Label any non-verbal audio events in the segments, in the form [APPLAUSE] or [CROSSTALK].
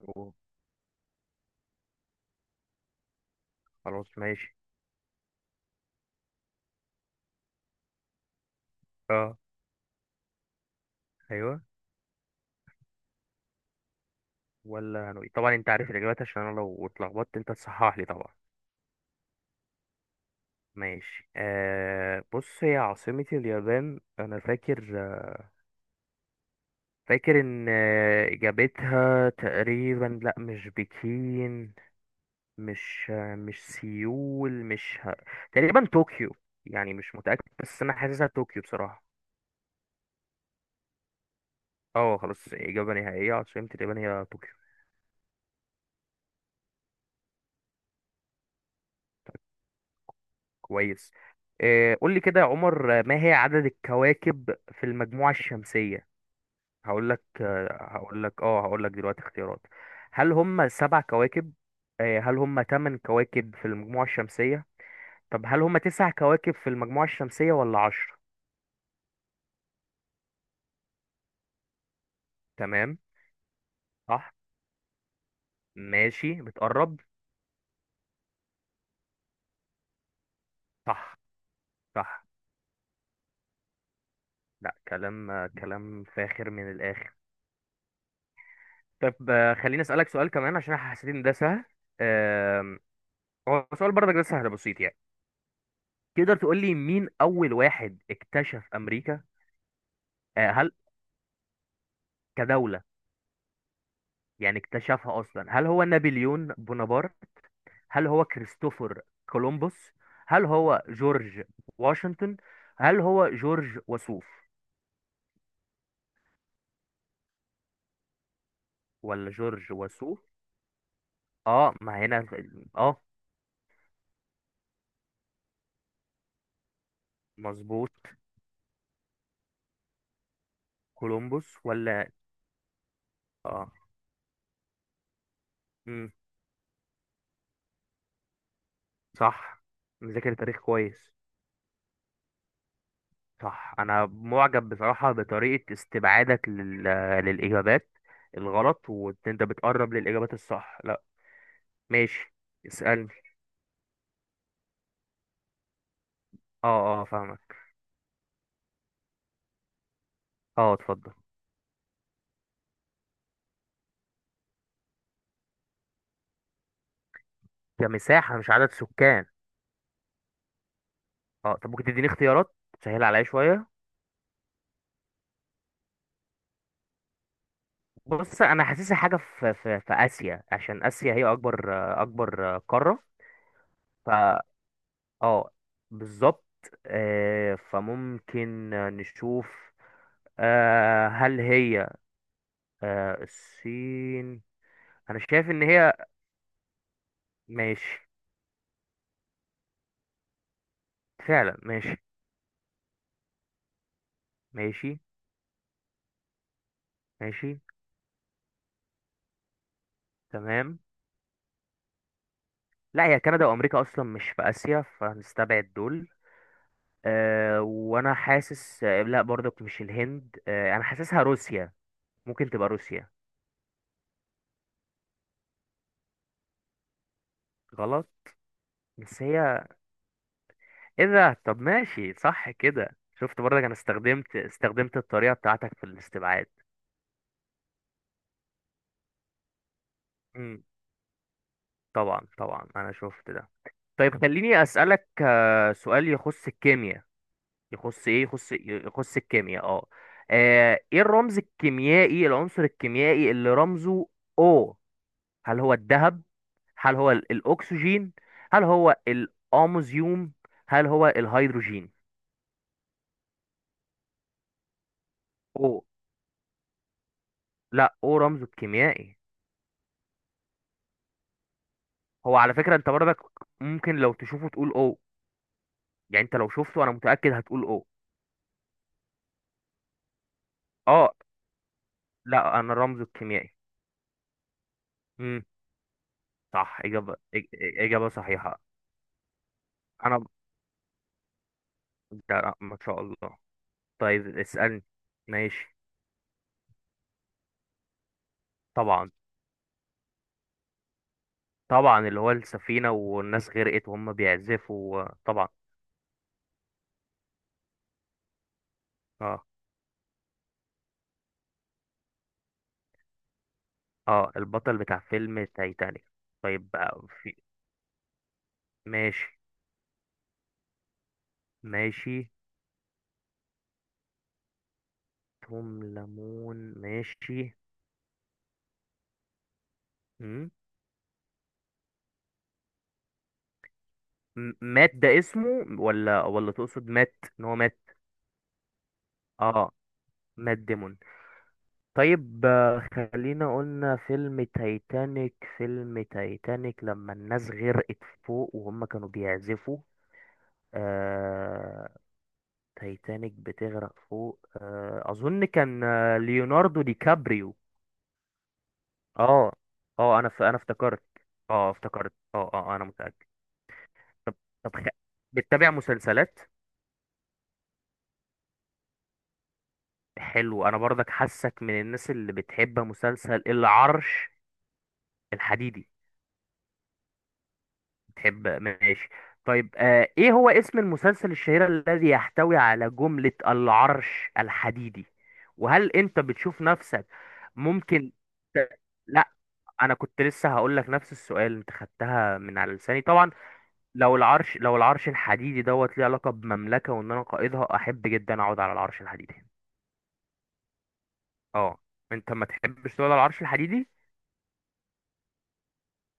أوه، خلاص ماشي. اه، ايوه. ولا هنوي، طبعا انت عارف الاجابات عشان انا لو اتلخبطت انت تصحح لي طبعا. ماشي. بص، هي عاصمة اليابان انا فاكر ان، اجابتها تقريبا لا مش بكين، مش مش سيول، مش ه... تقريبا طوكيو. يعني مش متأكد بس انا حاسسها طوكيو بصراحة. اه، خلاص، اجابة نهائية، عاصمة اليابان هي طوكيو. كويس. قول لي كده يا عمر. ما هي عدد الكواكب في المجموعة الشمسية؟ هقول لك. هقول لك دلوقتي اختيارات. هل هم سبع كواكب؟ هل هم ثمان كواكب في المجموعة الشمسية؟ طب هل هم تسع كواكب في المجموعة الشمسية ولا عشرة؟ تمام. صح. ماشي، بتقرب. صح، صح. لا، كلام، كلام فاخر من الآخر. طب، خليني أسألك سؤال كمان عشان أنا حسيت إن ده سهل. آم، هو سؤال برضك ده سهل بسيط يعني. تقدر تقول لي مين أول واحد اكتشف أمريكا؟ آه، هل كدولة. يعني اكتشفها أصلا، هل هو نابليون بونابرت؟ هل هو كريستوفر كولومبوس؟ هل هو جورج واشنطن؟ هل هو جورج وسوف ولا جورج وسوف؟ اه، ما هنا مظبوط. كولومبوس ولا؟ اه. مم. صح. مذاكر تاريخ كويس. صح، انا معجب بصراحة بطريقة للإجابات الغلط، وانت بتقرب للإجابات الصح. لا، ماشي، اسألني. اه، اه فاهمك. اه، اتفضل. كمساحة مش عدد سكان؟ اه. طب ممكن تديني اختيارات؟ سهل عليا شوية. بص انا حاسسها حاجة في آسيا عشان آسيا هي اكبر قارة. ف اه، بالظبط. فممكن نشوف. هل هي، الصين؟ انا شايف ان هي، ماشي. فعلا ماشي. ماشي. ماشي. تمام. لا، هي كندا وامريكا اصلا مش في اسيا، فهنستبعد دول. أه، وانا حاسس لا، برضك مش الهند. أه، انا حاسسها روسيا. ممكن تبقى روسيا. غلط؟ بس هي، ايه ده؟ طب ماشي، صح كده، شفت برضك انا استخدمت الطريقة بتاعتك في الاستبعاد. امم. طبعا طبعا، انا شفت ده. طيب خليني اسالك سؤال يخص الكيمياء. يخص الكيمياء، اه. ايه الرمز الكيميائي، العنصر الكيميائي اللي رمزه او؟ هل هو الذهب؟ هل هو الاكسجين؟ هل هو الاموزيوم؟ هل هو الهيدروجين؟ او. لا، او رمزه الكيميائي. هو على فكرة انت برضك ممكن لو تشوفه تقول او. يعني انت لو شفته انا متأكد هتقول او. اه. لا انا رمزه الكيميائي. امم. صح، اجابة اجابة صحيحة. انا، لا ما شاء الله. طيب اسألني. ماشي. طبعا طبعا، اللي هو السفينة والناس غرقت وهم بيعزفوا طبعا. اه، اه. البطل بتاع فيلم تايتانيك. طيب بقى في. ماشي. ماشي. توم ليمون. ماشي. مم. مات ده اسمه، ولا تقصد مات ان هو مات؟ اه. مات ديمون. طيب، خلينا قلنا فيلم تايتانيك، فيلم تايتانيك لما الناس غرقت فوق وهم كانوا بيعزفوا. آه، تايتانيك بتغرق فوق. اظن كان ليوناردو دي كابريو. اه. اه، انا انا افتكرت. اه، افتكرت، اه، اه. انا متأكد. طب، طب خ... بتتابع مسلسلات؟ حلو، انا برضك حاسك من الناس اللي بتحب مسلسل العرش الحديدي. بتحب؟ ماشي. طيب، آه، ايه هو اسم المسلسل الشهير الذي يحتوي على جملة العرش الحديدي؟ وهل انت بتشوف نفسك، ممكن ت... لا، انا كنت لسه هقول لك نفس السؤال، انت خدتها من على لساني طبعا. لو العرش، لو العرش الحديدي دوت ليه علاقه بمملكه وان انا قائدها، احب جدا اقعد على العرش الحديدي. اه. انت ما تحبش تقعد على العرش الحديدي؟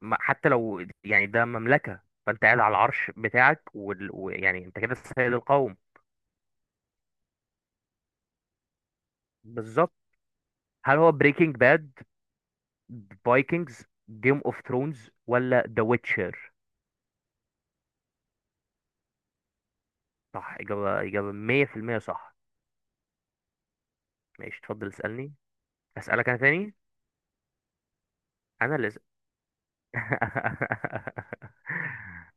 حتى لو يعني ده مملكه، فانت قاعد على العرش بتاعك ويعني انت كده سيد القوم. بالظبط. هل هو بريكنج باد، فايكنجز، جيم اوف ثرونز، ولا ذا ويتشر؟ صح، اجابه، اجابه 100% صح. ماشي، اتفضل اسالني. اسالك انا تاني. انا [LAUGHS]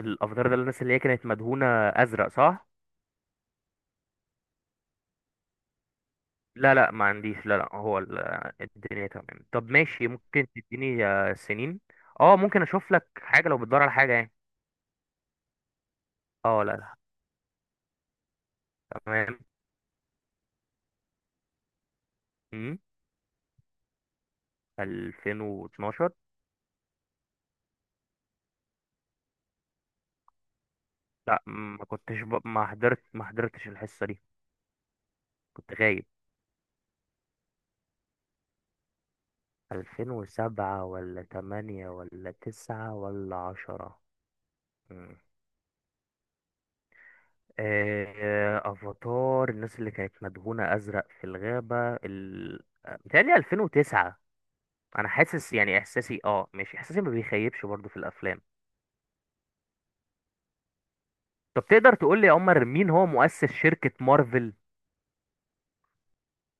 الافاتار ده الناس اللي هي كانت مدهونه ازرق، صح؟ لا لا، ما عنديش. لا لا، هو الدنيا تمام. طب ماشي، ممكن تديني سنين؟ اه، ممكن اشوف لك حاجه لو بتدور على حاجه يعني. اه، لا لا. تمام. امم. 2012. لا، ما كنتش ما حضرتش الحصه دي. كنت غايب. 2007 ولا 8 ولا 9 ولا 10؟ افاتار، الناس اللي كانت مدهونة ازرق في متهيألي 2009. انا حاسس، يعني احساسي، اه ماشي، احساسي ما بيخيبش برضو في الافلام. طب تقدر تقول لي يا عمر مين هو مؤسس شركة مارفل؟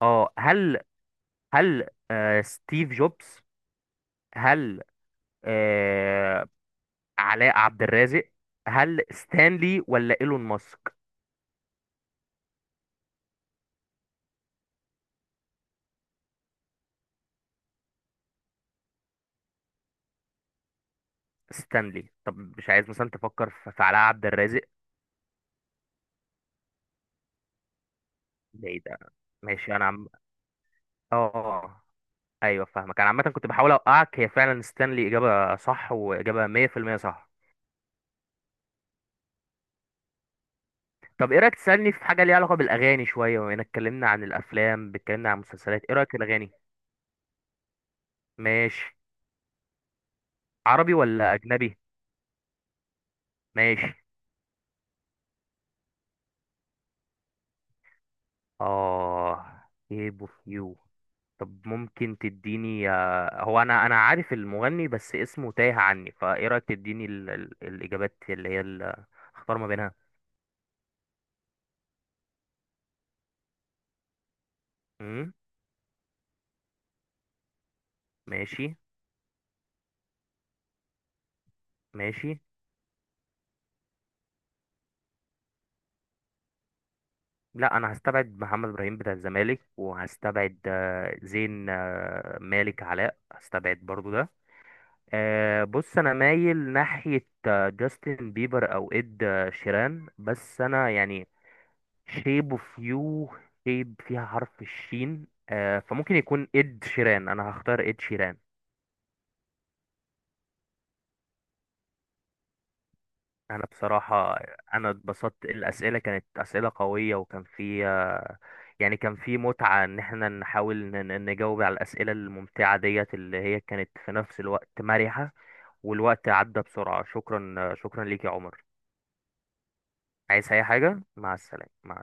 اه، هل آه، ستيف جوبز؟ هل آه، علاء عبد الرازق؟ هل ستانلي ولا ايلون ماسك؟ ستانلي. طب مش عايز مثلا تفكر في علاء عبد الرازق؟ بعيد. ماشي. انا عم اه آه. ايوه فاهمك. انا عامه كنت بحاول اوقعك، هي فعلا ستانلي، اجابه صح، واجابه 100% صح. طب ايه رايك تسالني في حاجه ليها علاقه بالاغاني شويه، بما اننا اتكلمنا عن الافلام، اتكلمنا عن المسلسلات، ايه رايك في الاغاني؟ ماشي. عربي ولا اجنبي؟ ماشي. اه، ايه اوف يو. طب ممكن تديني، هو انا عارف المغني بس اسمه تايه عني، فايه رايك تديني الاجابات اللي هي اختار ما بينها. امم. ماشي. ماشي. لا، انا هستبعد محمد ابراهيم بتاع الزمالك، وهستبعد زين مالك علاء، هستبعد برضو ده. بص انا مايل ناحية جاستن بيبر او اد شيران بس انا يعني، شيب اوف يو، شيب فيها حرف الشين. فممكن يكون اد شيران. انا هختار اد شيران. انا بصراحة، انا اتبسطت. الاسئلة كانت اسئلة قوية، وكان فيها يعني كان في متعة ان احنا نحاول نجاوب على الاسئلة الممتعة ديت اللي هي كانت في نفس الوقت مرحة. والوقت عدى بسرعة. شكرا، شكرا ليك يا عمر. عايز اي حاجة؟ مع السلامة. مع